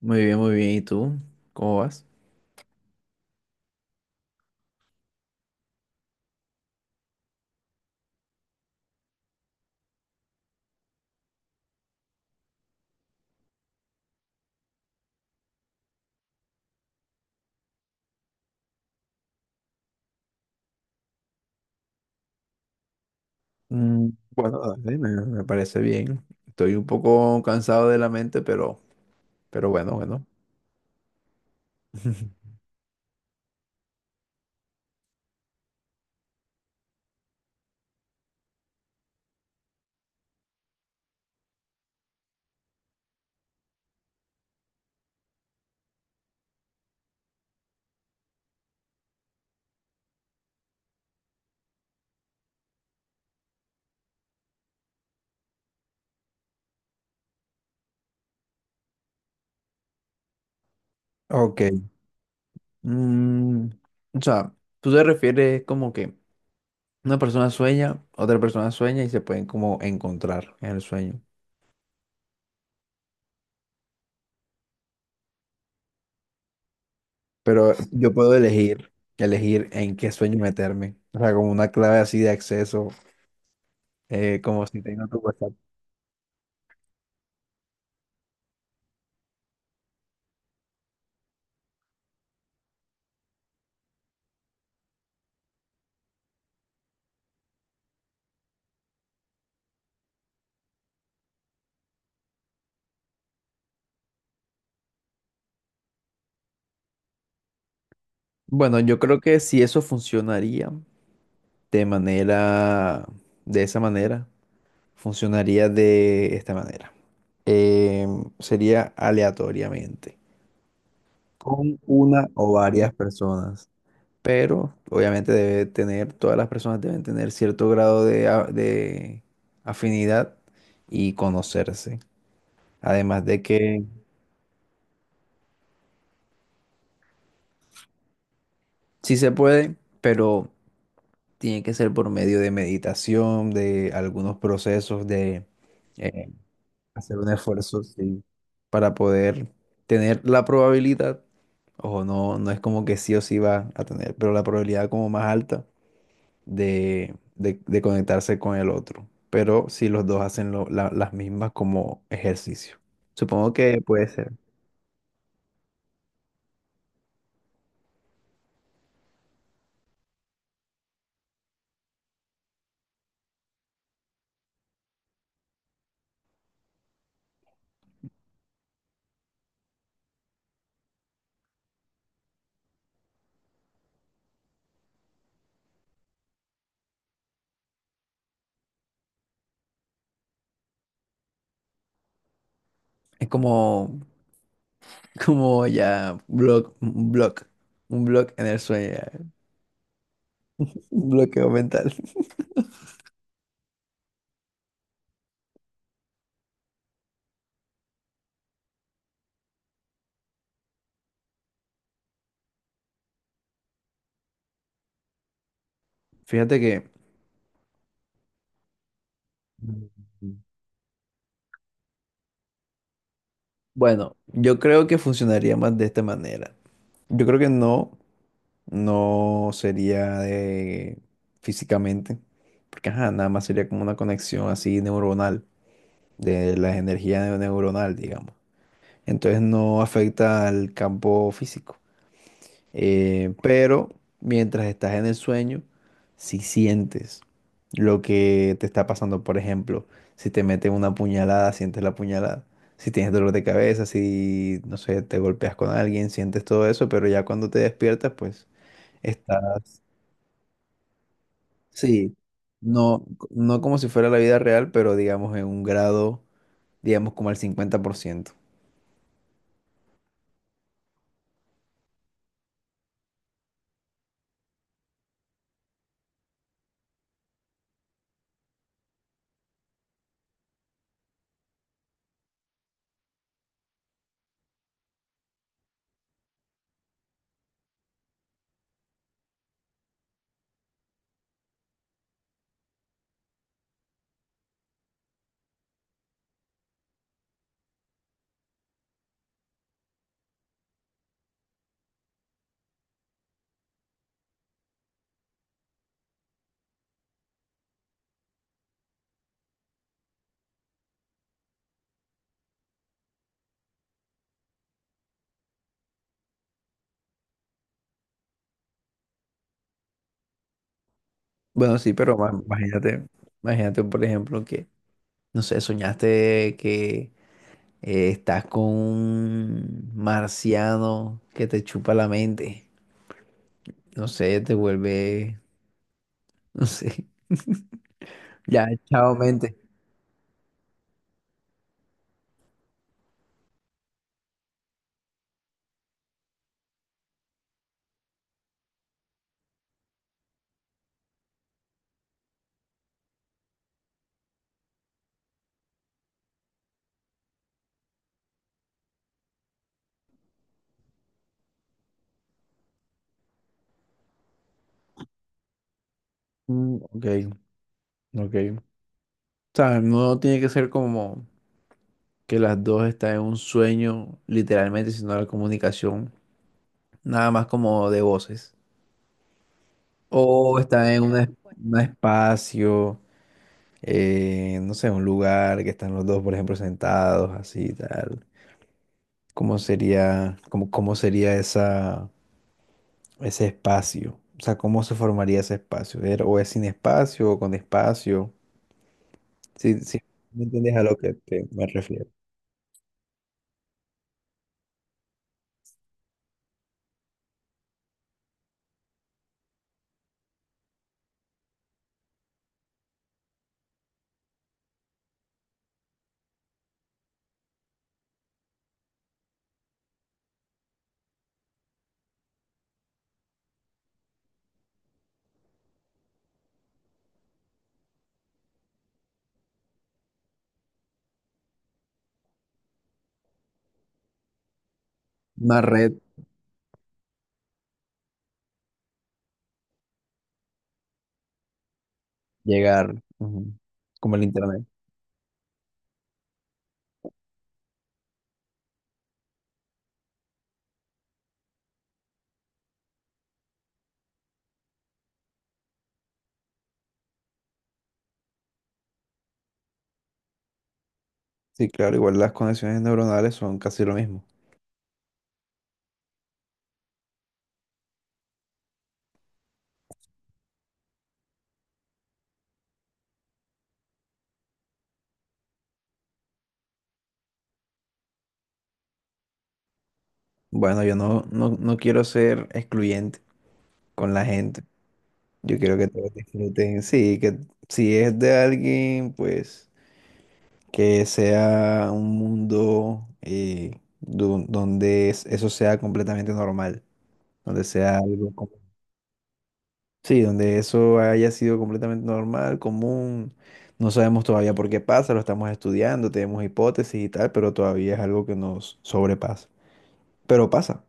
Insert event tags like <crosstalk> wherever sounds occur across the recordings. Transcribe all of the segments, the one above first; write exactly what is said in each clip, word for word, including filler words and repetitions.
Muy bien, muy bien. ¿Y tú? ¿Cómo vas? Mm, Bueno, dale, me, me parece bien. Estoy un poco cansado de la mente, pero, pero bueno, bueno. <laughs> Ok. Mm, o sea, tú te refieres como que una persona sueña, otra persona sueña y se pueden como encontrar en el sueño. Pero yo puedo elegir, elegir en qué sueño meterme. O sea, como una clave así de acceso, eh, como si tengo tu WhatsApp. Bueno, yo creo que si eso funcionaría. de manera, de esa manera, funcionaría de esta manera. Em, sería aleatoriamente, con una o varias personas, pero obviamente debe tener, todas las personas deben tener cierto grado de, a- de afinidad y conocerse. Además de que sí se puede, pero tiene que ser por medio de meditación, de algunos procesos de eh, hacer un esfuerzo, sí, para poder tener la probabilidad, ojo, no, no es como que sí o sí va a tener, pero la probabilidad como más alta de, de- de conectarse con el otro. Pero si los dos hacen lo- la- las mismas como ejercicio. Supongo que puede ser. Es como, <laughs> como ya blog, un blog, un blog en el sueño, ya, un bloqueo mental. <laughs> Fíjate que, Mm. bueno, yo creo que funcionaría más de esta manera. Yo creo que no, no sería de físicamente, porque ajá, nada más sería como una conexión así neuronal, de las energías neu- neuronal, digamos. Entonces no afecta al campo físico. Eh, pero mientras estás en el sueño, si sientes lo que te está pasando, por ejemplo, si te meten una puñalada, sientes la puñalada. Si tienes dolor de cabeza, si, no sé, te golpeas con alguien, sientes todo eso, pero ya cuando te despiertas, pues. Estás, sí, no, no como si fuera la vida real, pero digamos en un grado, digamos como al cincuenta por ciento. Bueno, sí, pero ma- imagínate, imagínate, por ejemplo, que, no sé, soñaste que eh, estás con un marciano que te chupa la mente. No sé, te vuelve, no sé, <laughs> ya, chao mente. Mm, ok, ok. O sea, no tiene que ser como que las dos están en un sueño, literalmente, sino la comunicación. Nada más como de voces. O está en una un espacio, eh, no sé, un lugar que están los dos, por ejemplo, sentados, así, tal. ¿Cómo sería, cómo, cómo sería esa, ese espacio? O sea, ¿cómo se formaría ese espacio? Era- ¿O es sin espacio o con espacio? Sí, sí, ¿me entiendes a lo que te- me refiero? Una red, llegar, ujú, como el internet. Sí, claro, igual las conexiones neuronales son casi lo mismo. Bueno, yo no, no, no quiero ser excluyente con la gente. Yo quiero que todos disfruten. Sí, que si es de alguien, pues que sea un mundo eh, do- donde es- eso sea completamente normal, donde sea algo como... Sí, donde eso haya sido completamente normal, común. No sabemos todavía por qué pasa, lo estamos estudiando, tenemos hipótesis y tal, pero todavía es algo que nos sobrepasa. Pero pasa.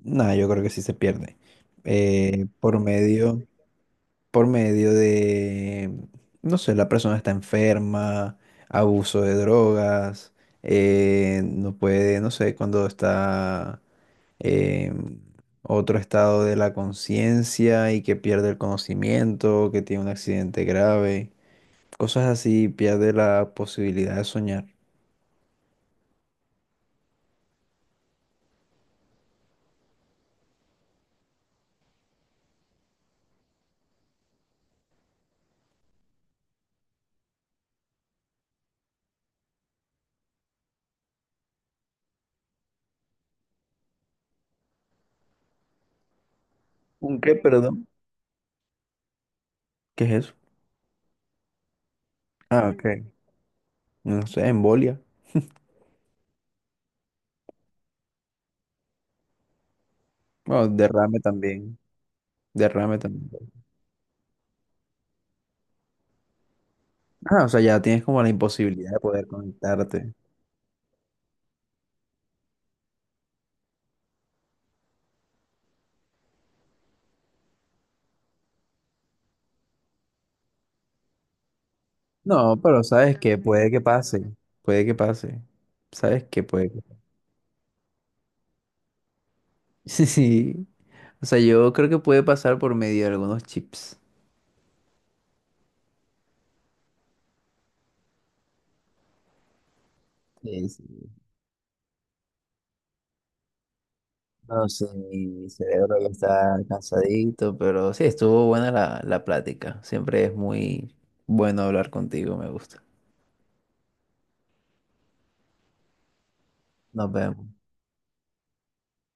Nada, yo creo que sí se pierde. Eh, por medio... por medio de, no sé, la persona está enferma, abuso de drogas, eh, no puede, no sé, cuando está en otro estado de la conciencia y que pierde el conocimiento, que tiene un accidente grave, cosas así, pierde la posibilidad de soñar. ¿Un qué, perdón? ¿Qué es eso? Ah, ok. No sé, embolia. Bueno, derrame también. Derrame también. Ah, o sea, ya tienes como la imposibilidad de poder conectarte. No, pero sabes que puede que pase, puede que pase, sabes que puede que... <laughs> Sí, o sea, yo creo que puede pasar por medio de algunos chips. Sí, sí. No sé, mi cerebro ya está cansadito, pero sí, estuvo buena la, la plática. Siempre es muy bueno hablar contigo, me gusta. Nos vemos.